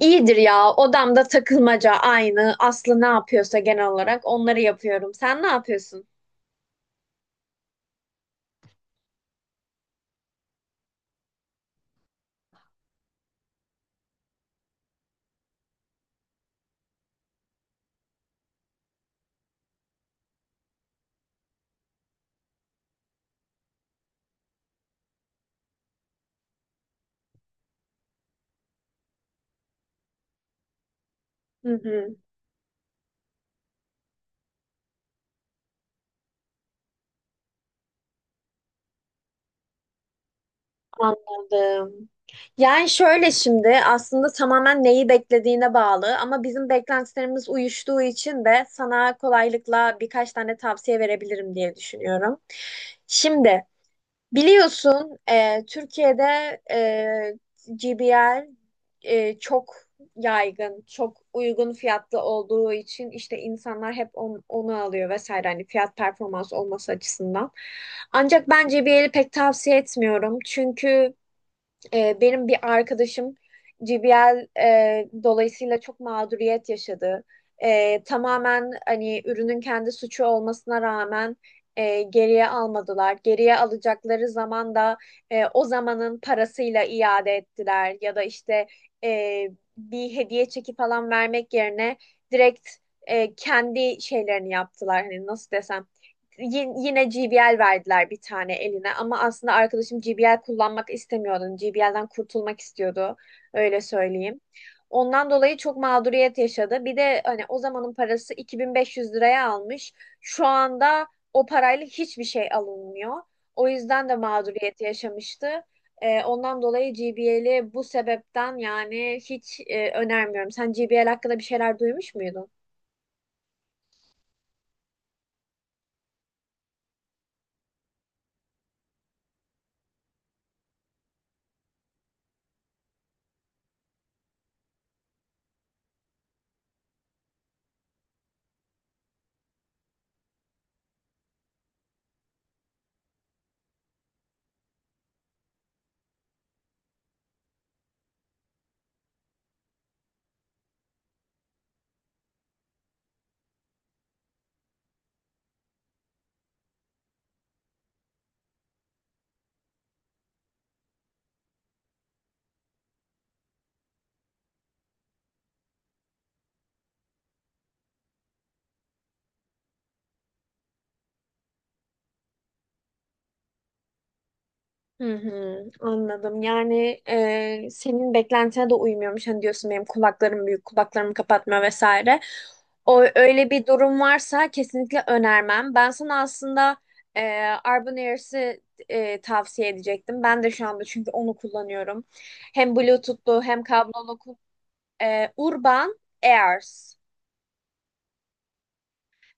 İyidir ya. Odamda takılmaca aynı. Aslı ne yapıyorsa genel olarak onları yapıyorum. Sen ne yapıyorsun? Hı hı, anladım. Yani şöyle, şimdi aslında tamamen neyi beklediğine bağlı, ama bizim beklentilerimiz uyuştuğu için de sana kolaylıkla birkaç tane tavsiye verebilirim diye düşünüyorum. Şimdi, biliyorsun, Türkiye'de GBL çok yaygın, çok uygun fiyatlı olduğu için işte insanlar hep onu alıyor vesaire, hani fiyat performans olması açısından. Ancak ben GBL'i pek tavsiye etmiyorum, çünkü benim bir arkadaşım GBL dolayısıyla çok mağduriyet yaşadı. Tamamen hani ürünün kendi suçu olmasına rağmen geriye almadılar. Geriye alacakları zaman da o zamanın parasıyla iade ettiler, ya da işte e, bir hediye çeki falan vermek yerine direkt kendi şeylerini yaptılar. Hani nasıl desem, yine JBL verdiler bir tane eline, ama aslında arkadaşım JBL kullanmak istemiyordu. JBL'den kurtulmak istiyordu. Öyle söyleyeyim. Ondan dolayı çok mağduriyet yaşadı. Bir de hani o zamanın parası 2500 liraya almış. Şu anda o parayla hiçbir şey alınmıyor. O yüzden de mağduriyet yaşamıştı. Ondan dolayı JBL'i bu sebepten, yani hiç önermiyorum. Sen JBL hakkında bir şeyler duymuş muydun? Hı hı, anladım. Yani senin beklentine de uymuyormuş. Hani diyorsun benim kulaklarım büyük, kulaklarımı kapatmıyor vesaire. O, öyle bir durum varsa kesinlikle önermem. Ben sana aslında e, Arbon Airs'i tavsiye edecektim. Ben de şu anda çünkü onu kullanıyorum. Hem Bluetooth'lu hem kablolu. Urban Airs.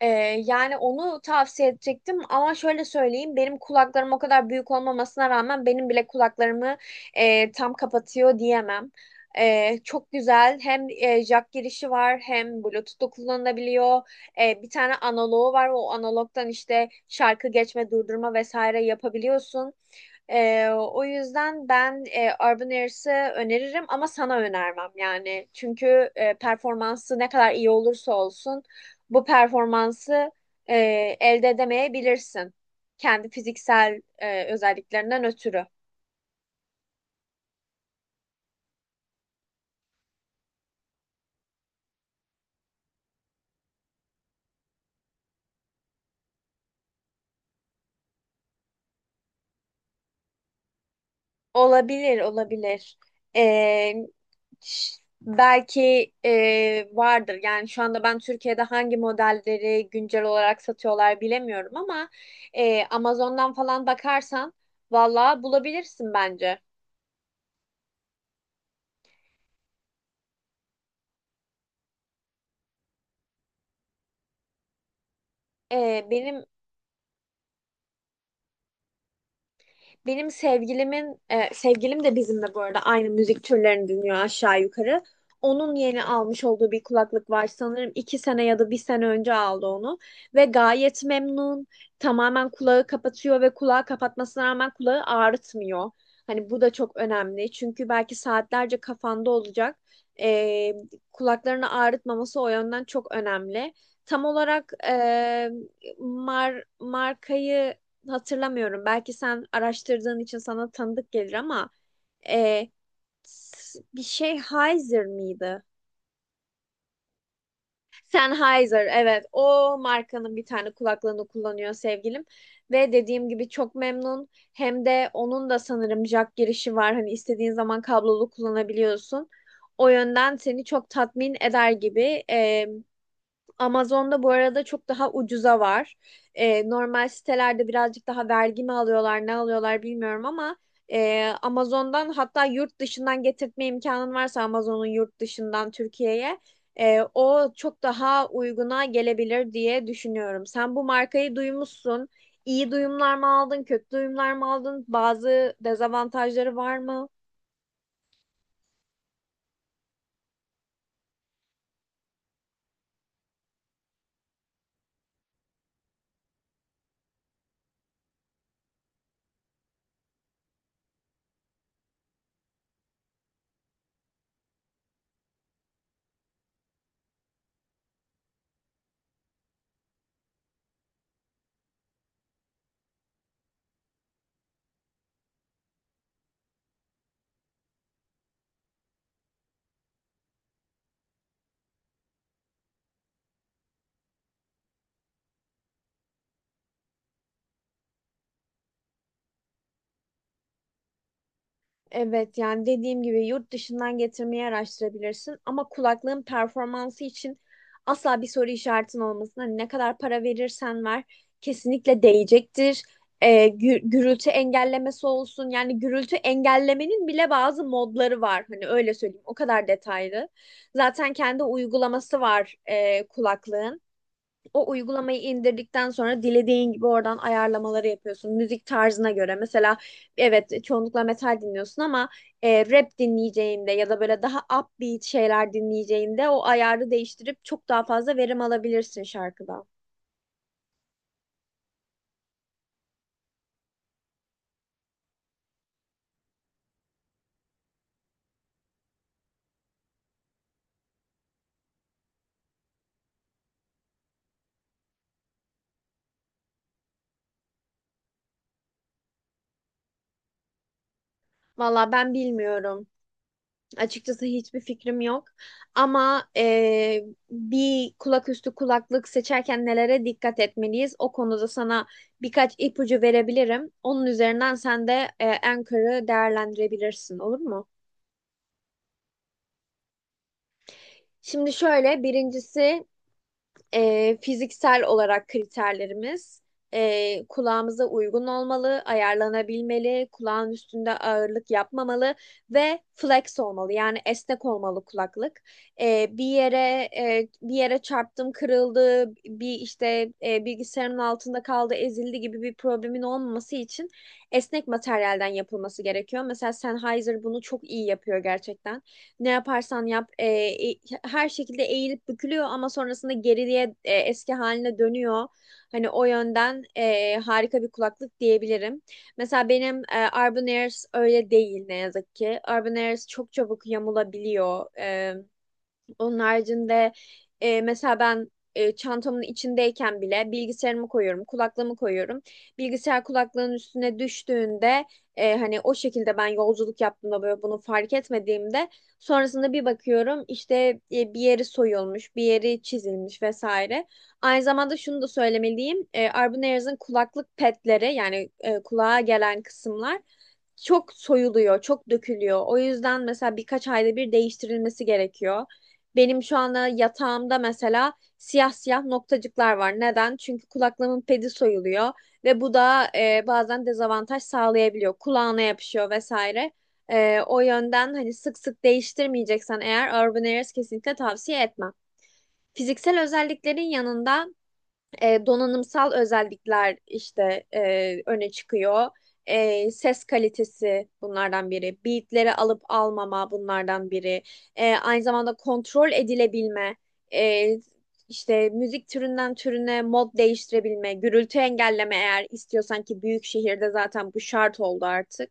Ee, yani onu tavsiye edecektim, ama şöyle söyleyeyim, benim kulaklarım o kadar büyük olmamasına rağmen benim bile kulaklarımı tam kapatıyor diyemem. Çok güzel, hem jack girişi var hem Bluetooth'u kullanılabiliyor. Bir tane analogu var, o analogdan işte şarkı geçme, durdurma vesaire yapabiliyorsun. O yüzden ben Urban Air's'ı öneririm, ama sana önermem yani. Çünkü performansı ne kadar iyi olursa olsun, bu performansı e, elde edemeyebilirsin. Kendi fiziksel özelliklerinden ötürü. Olabilir, olabilir. Ee, belki vardır. Yani şu anda ben Türkiye'de hangi modelleri güncel olarak satıyorlar bilemiyorum, ama Amazon'dan falan bakarsan valla bulabilirsin bence. Ee, benim sevgilim de bizimle bu arada aynı müzik türlerini dinliyor aşağı yukarı. Onun yeni almış olduğu bir kulaklık var, sanırım 2 sene ya da bir sene önce aldı onu, ve gayet memnun. Tamamen kulağı kapatıyor, ve kulağı kapatmasına rağmen kulağı ağrıtmıyor. Hani bu da çok önemli, çünkü belki saatlerce kafanda olacak. E, kulaklarını ağrıtmaması o yönden çok önemli. Tam olarak markayı hatırlamıyorum. Belki sen araştırdığın için sana tanıdık gelir, ama e, bir şey, Sennheiser mıydı? Sennheiser, evet, o markanın bir tane kulaklığını kullanıyor sevgilim. Ve dediğim gibi çok memnun. Hem de onun da sanırım jack girişi var. Hani istediğin zaman kablolu kullanabiliyorsun. O yönden seni çok tatmin eder gibi. Amazon'da bu arada çok daha ucuza var. Normal sitelerde birazcık daha vergi mi alıyorlar, ne alıyorlar bilmiyorum, ama Amazon'dan, hatta yurt dışından getirtme imkanın varsa Amazon'un yurt dışından Türkiye'ye, o çok daha uyguna gelebilir diye düşünüyorum. Sen bu markayı duymuşsun. İyi duyumlar mı aldın, kötü duyumlar mı aldın? Bazı dezavantajları var mı? Evet, yani dediğim gibi yurt dışından getirmeyi araştırabilirsin, ama kulaklığın performansı için asla bir soru işaretin olmasın. Hani ne kadar para verirsen ver, kesinlikle değecektir. Gürültü engellemesi olsun, yani gürültü engellemenin bile bazı modları var, hani öyle söyleyeyim, o kadar detaylı. Zaten kendi uygulaması var kulaklığın. O uygulamayı indirdikten sonra dilediğin gibi oradan ayarlamaları yapıyorsun. Müzik tarzına göre. Mesela, evet, çoğunlukla metal dinliyorsun, ama rap dinleyeceğinde, ya da böyle daha upbeat şeyler dinleyeceğinde o ayarı değiştirip çok daha fazla verim alabilirsin şarkıdan. Valla ben bilmiyorum. Açıkçası hiçbir fikrim yok. Ama bir kulaküstü kulaklık seçerken nelere dikkat etmeliyiz? O konuda sana birkaç ipucu verebilirim. Onun üzerinden sen de Anchor'ı değerlendirebilirsin, olur mu? Şimdi şöyle, birincisi fiziksel olarak kriterlerimiz kulağımıza uygun olmalı, ayarlanabilmeli, kulağın üstünde ağırlık yapmamalı, ve flex olmalı. Yani esnek olmalı kulaklık. E, bir yere bir yere çarptım, kırıldı, bir işte bilgisayarın altında kaldı, ezildi gibi bir problemin olmaması için esnek materyalden yapılması gerekiyor. Mesela Sennheiser bunu çok iyi yapıyor gerçekten. Ne yaparsan yap, e, her şekilde eğilip bükülüyor, ama sonrasında geriliğe eski haline dönüyor. Hani o yönden harika bir kulaklık diyebilirim. Mesela benim Urban Airs öyle değil, ne yazık ki. Urban Airs çok çabuk yamulabiliyor. Onun haricinde mesela ben çantamın içindeyken bile bilgisayarımı koyuyorum, kulaklığımı koyuyorum. Bilgisayar kulaklığın üstüne düştüğünde, hani o şekilde ben yolculuk yaptığımda, böyle bunu fark etmediğimde sonrasında bir bakıyorum işte, bir yeri soyulmuş, bir yeri çizilmiş vesaire. Aynı zamanda şunu da söylemeliyim. Arbunnerz'in kulaklık petleri, yani kulağa gelen kısımlar çok soyuluyor, çok dökülüyor. O yüzden mesela birkaç ayda bir değiştirilmesi gerekiyor. Benim şu anda yatağımda mesela siyah siyah noktacıklar var. Neden? Çünkü kulaklığımın pedi soyuluyor, ve bu da bazen dezavantaj sağlayabiliyor. Kulağına yapışıyor vesaire. O yönden hani sık sık değiştirmeyeceksen eğer, Urban Airs kesinlikle tavsiye etmem. Fiziksel özelliklerin yanında donanımsal özellikler işte öne çıkıyor. Ses kalitesi bunlardan biri. Beatleri alıp almama bunlardan biri. Aynı zamanda kontrol edilebilme. E, işte müzik türünden türüne mod değiştirebilme. Gürültü engelleme, eğer istiyorsan ki büyük şehirde zaten bu şart oldu artık.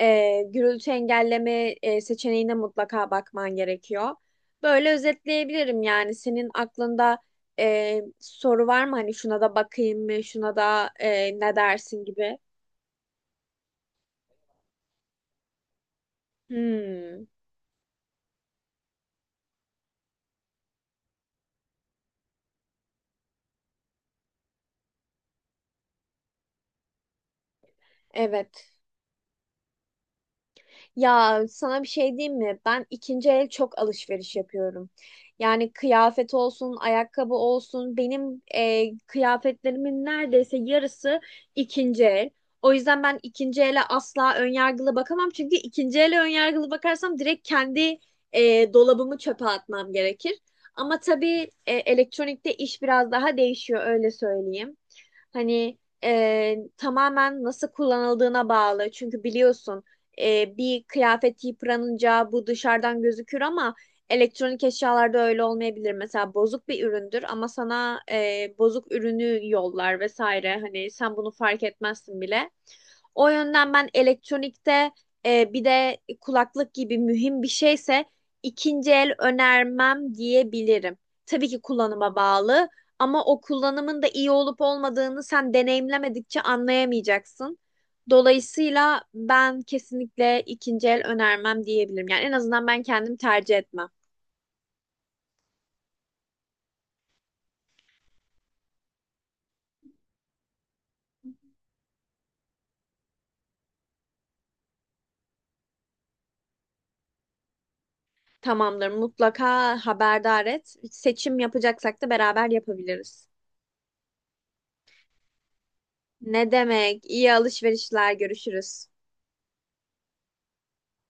Gürültü engelleme seçeneğine mutlaka bakman gerekiyor. Böyle özetleyebilirim. Yani senin aklında soru var mı? Hani şuna da bakayım mı? Şuna da ne dersin gibi. Hmm, evet. Ya sana bir şey diyeyim mi? Ben ikinci el çok alışveriş yapıyorum. Yani kıyafet olsun, ayakkabı olsun. Benim kıyafetlerimin neredeyse yarısı ikinci el. O yüzden ben ikinci ele asla önyargılı bakamam. Çünkü ikinci ele önyargılı bakarsam direkt kendi dolabımı çöpe atmam gerekir. Ama tabii, elektronikte iş biraz daha değişiyor, öyle söyleyeyim. Hani tamamen nasıl kullanıldığına bağlı. Çünkü biliyorsun, bir kıyafet yıpranınca bu dışarıdan gözükür, ama elektronik eşyalarda öyle olmayabilir. Mesela bozuk bir üründür, ama sana bozuk ürünü yollar vesaire. Hani sen bunu fark etmezsin bile. O yönden ben elektronikte, bir de kulaklık gibi mühim bir şeyse, ikinci el önermem diyebilirim. Tabii ki kullanıma bağlı, ama o kullanımın da iyi olup olmadığını sen deneyimlemedikçe anlayamayacaksın. Dolayısıyla ben kesinlikle ikinci el önermem diyebilirim. Yani en azından ben kendim tercih etmem. Tamamdır, mutlaka haberdar et. Seçim yapacaksak da beraber yapabiliriz. Ne demek? İyi alışverişler, görüşürüz.